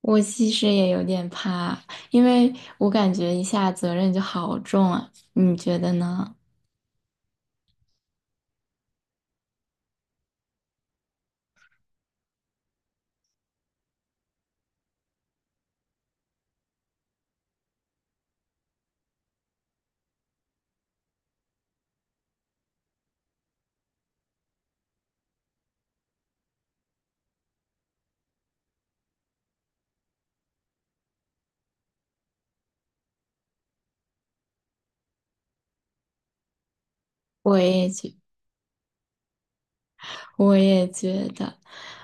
我其实也有点怕，因为我感觉一下责任就好重啊，你觉得呢？我也觉，我也觉得，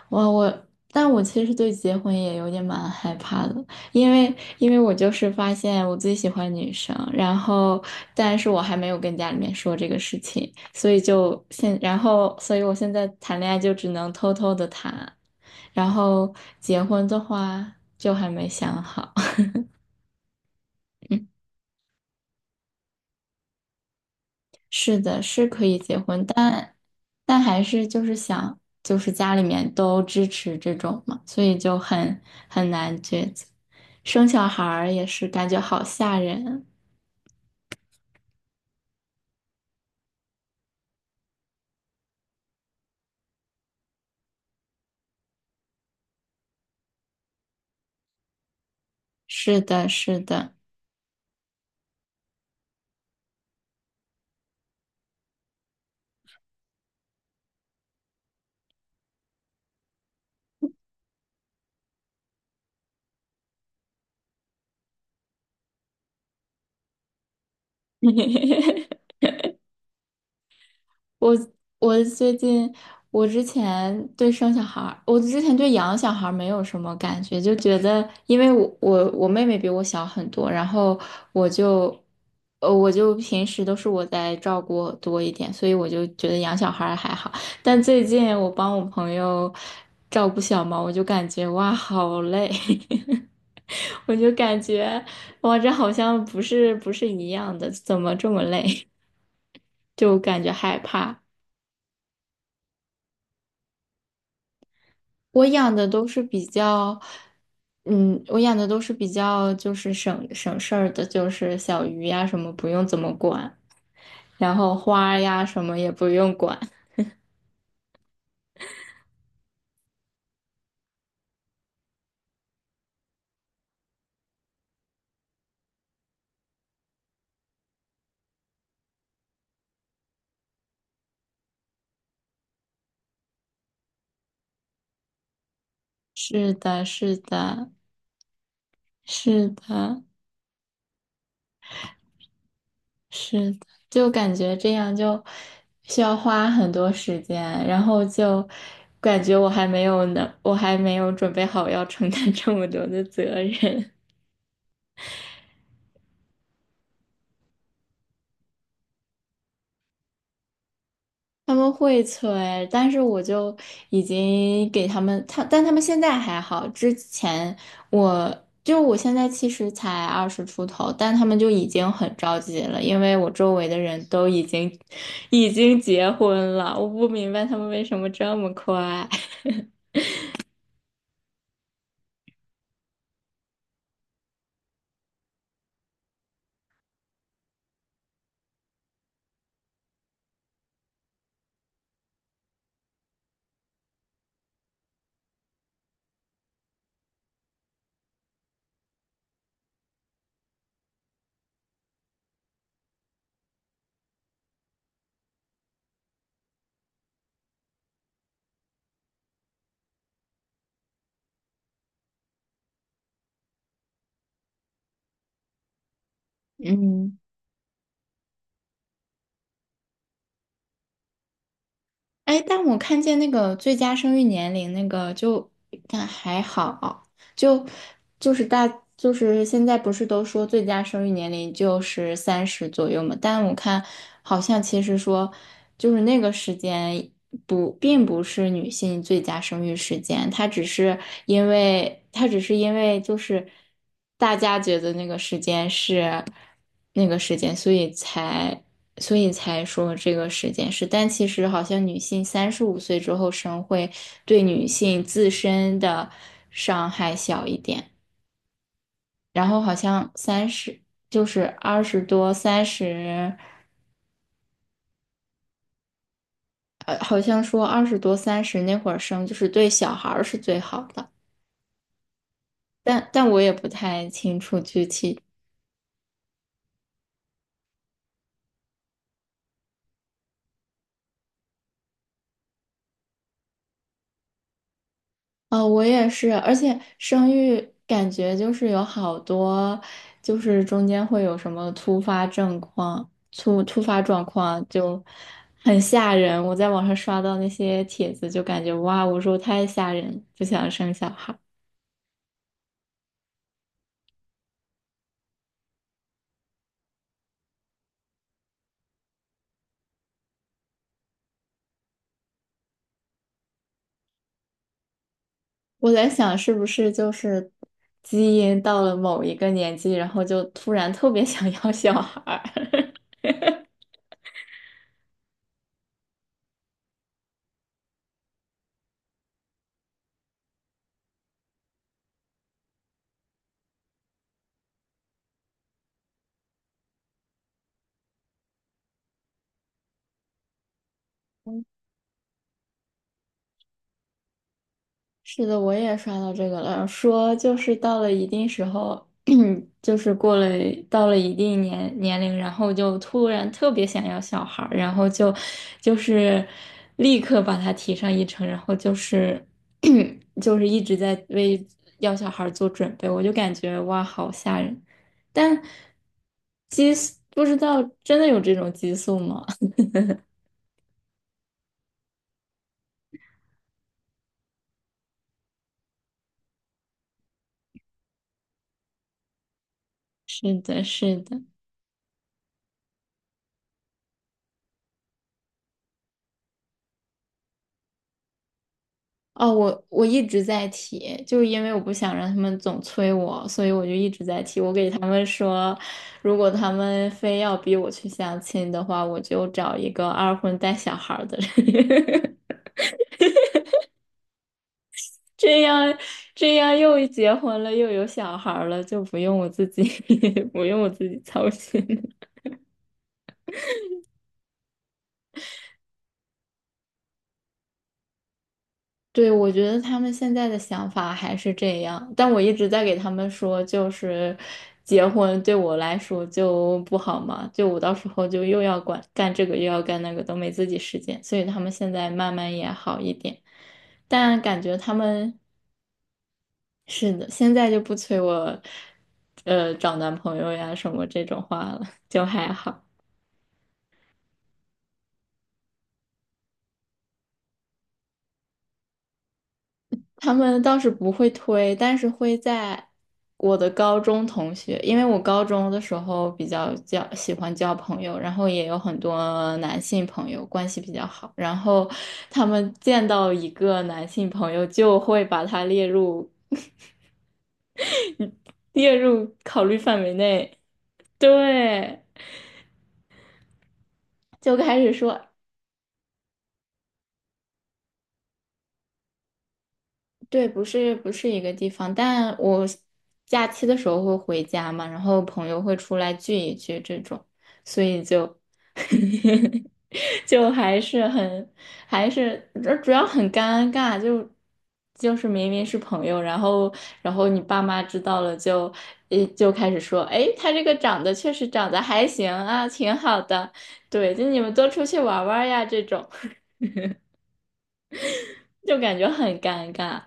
我我，但我其实对结婚也有点蛮害怕的，因为因为我就是发现我最喜欢女生，然后但是我还没有跟家里面说这个事情，所以我现在谈恋爱就只能偷偷的谈，然后结婚的话就还没想好。是的，是可以结婚，但还是就是想，就是家里面都支持这种嘛，所以就很难抉择。生小孩儿也是感觉好吓人啊。是的，是的。我我最近，我之前对生小孩儿，我之前对养小孩儿没有什么感觉，就觉得因为我妹妹比我小很多，我就我就平时都是我在照顾多一点，所以我就觉得养小孩儿还好。但最近我帮我朋友照顾小猫，我就感觉哇好累，我就感觉哇这好像不是一样的，怎么这么累？就感觉害怕。我养的都是比较，嗯，我养的都是比较就是省事儿的，就是小鱼呀什么不用怎么管，然后花呀什么也不用管。是的，是的，是的，是的，就感觉这样就需要花很多时间，然后就感觉我还没有呢，我还没有准备好要承担这么多的责任。他们会催，但是我就已经给他们，他，但他们现在还好。之前我就我现在其实才二十出头，但他们就已经很着急了，因为我周围的人都已经结婚了，我不明白他们为什么这么快。嗯。哎，但我看见那个最佳生育年龄那个还好，就就是大就是现在不是都说最佳生育年龄就是三十左右嘛？但我看好像其实说就是那个时间不并不是女性最佳生育时间，它只是因为它只是因为就是大家觉得那个时间是。那个时间，所以才说这个时间是，但其实好像女性三十五岁之后生会对女性自身的伤害小一点，然后好像三十就是二十多三十，好像说二十多三十那会儿生就是对小孩儿是最好的，但我也不太清楚具体哦，我也是，而且生育感觉就是有好多，就是中间会有什么突发症况、突发状况，就很吓人。我在网上刷到那些帖子，就感觉哇，我说太吓人，不想生小孩。我在想，是不是就是基因到了某一个年纪，然后就突然特别想要小孩儿。是的，我也刷到这个了，说就是到了一定时候，就是过了到了一定年龄，然后就突然特别想要小孩儿然后就是立刻把他提上议程，然后就是 就是一直在为要小孩儿做准备，我就感觉哇，好吓人。但激素不知道真的有这种激素吗？是的，是的。哦，我一直在提，就是因为我不想让他们总催我，所以我就一直在提。我给他们说，如果他们非要逼我去相亲的话，我就找一个二婚带小孩儿的人，这样这样又结婚了又有小孩儿了，就不用我自己 不用我自己操心。对，我觉得他们现在的想法还是这样，但我一直在给他们说，就是结婚对我来说就不好嘛，就我到时候就又要管干这个又要干那个，都没自己时间，所以他们现在慢慢也好一点，但感觉他们是的，现在就不催我，找男朋友呀什么这种话了，就还好。他们倒是不会推，但是会在我的高中同学，因为我高中的时候比较喜欢交朋友，然后也有很多男性朋友，关系比较好。然后他们见到一个男性朋友，就会把他列入 列入考虑范围内，对，就开始说，对，不是一个地方，但我假期的时候会回家嘛，然后朋友会出来聚一聚这种，所以就 就还是很还是主主要很尴尬，就就是明明是朋友，然后然后你爸妈知道了就就开始说，哎，他这个长得确实长得还行啊，挺好的，对，就你们多出去玩玩呀这种，就感觉很尴尬。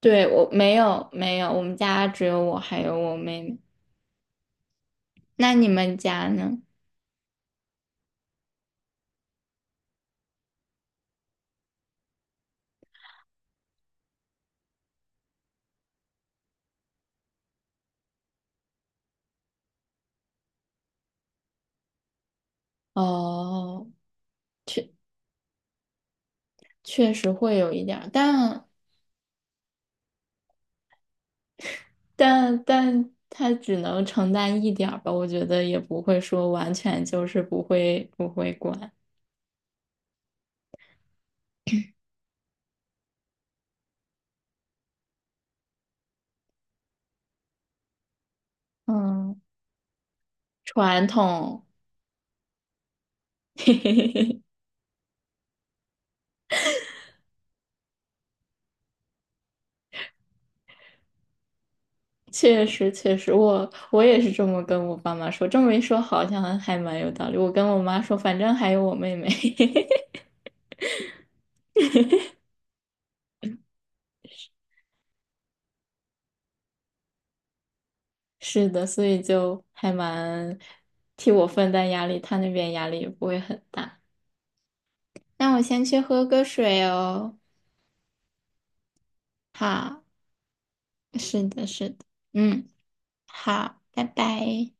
对，我没有，我们家只有我还有我妹妹。那你们家呢？哦，确确实会有一点儿，但他只能承担一点儿吧，我觉得也不会说完全就是不会管。嗯，传统，嘿嘿嘿，确实，我也是这么跟我爸妈说，这么一说好像还蛮有道理。我跟我妈说，反正还有我妹妹。是的，所以就还蛮替我分担压力，他那边压力也不会很大。那我先去喝个水哦。好，是的，是的，嗯，好，拜拜。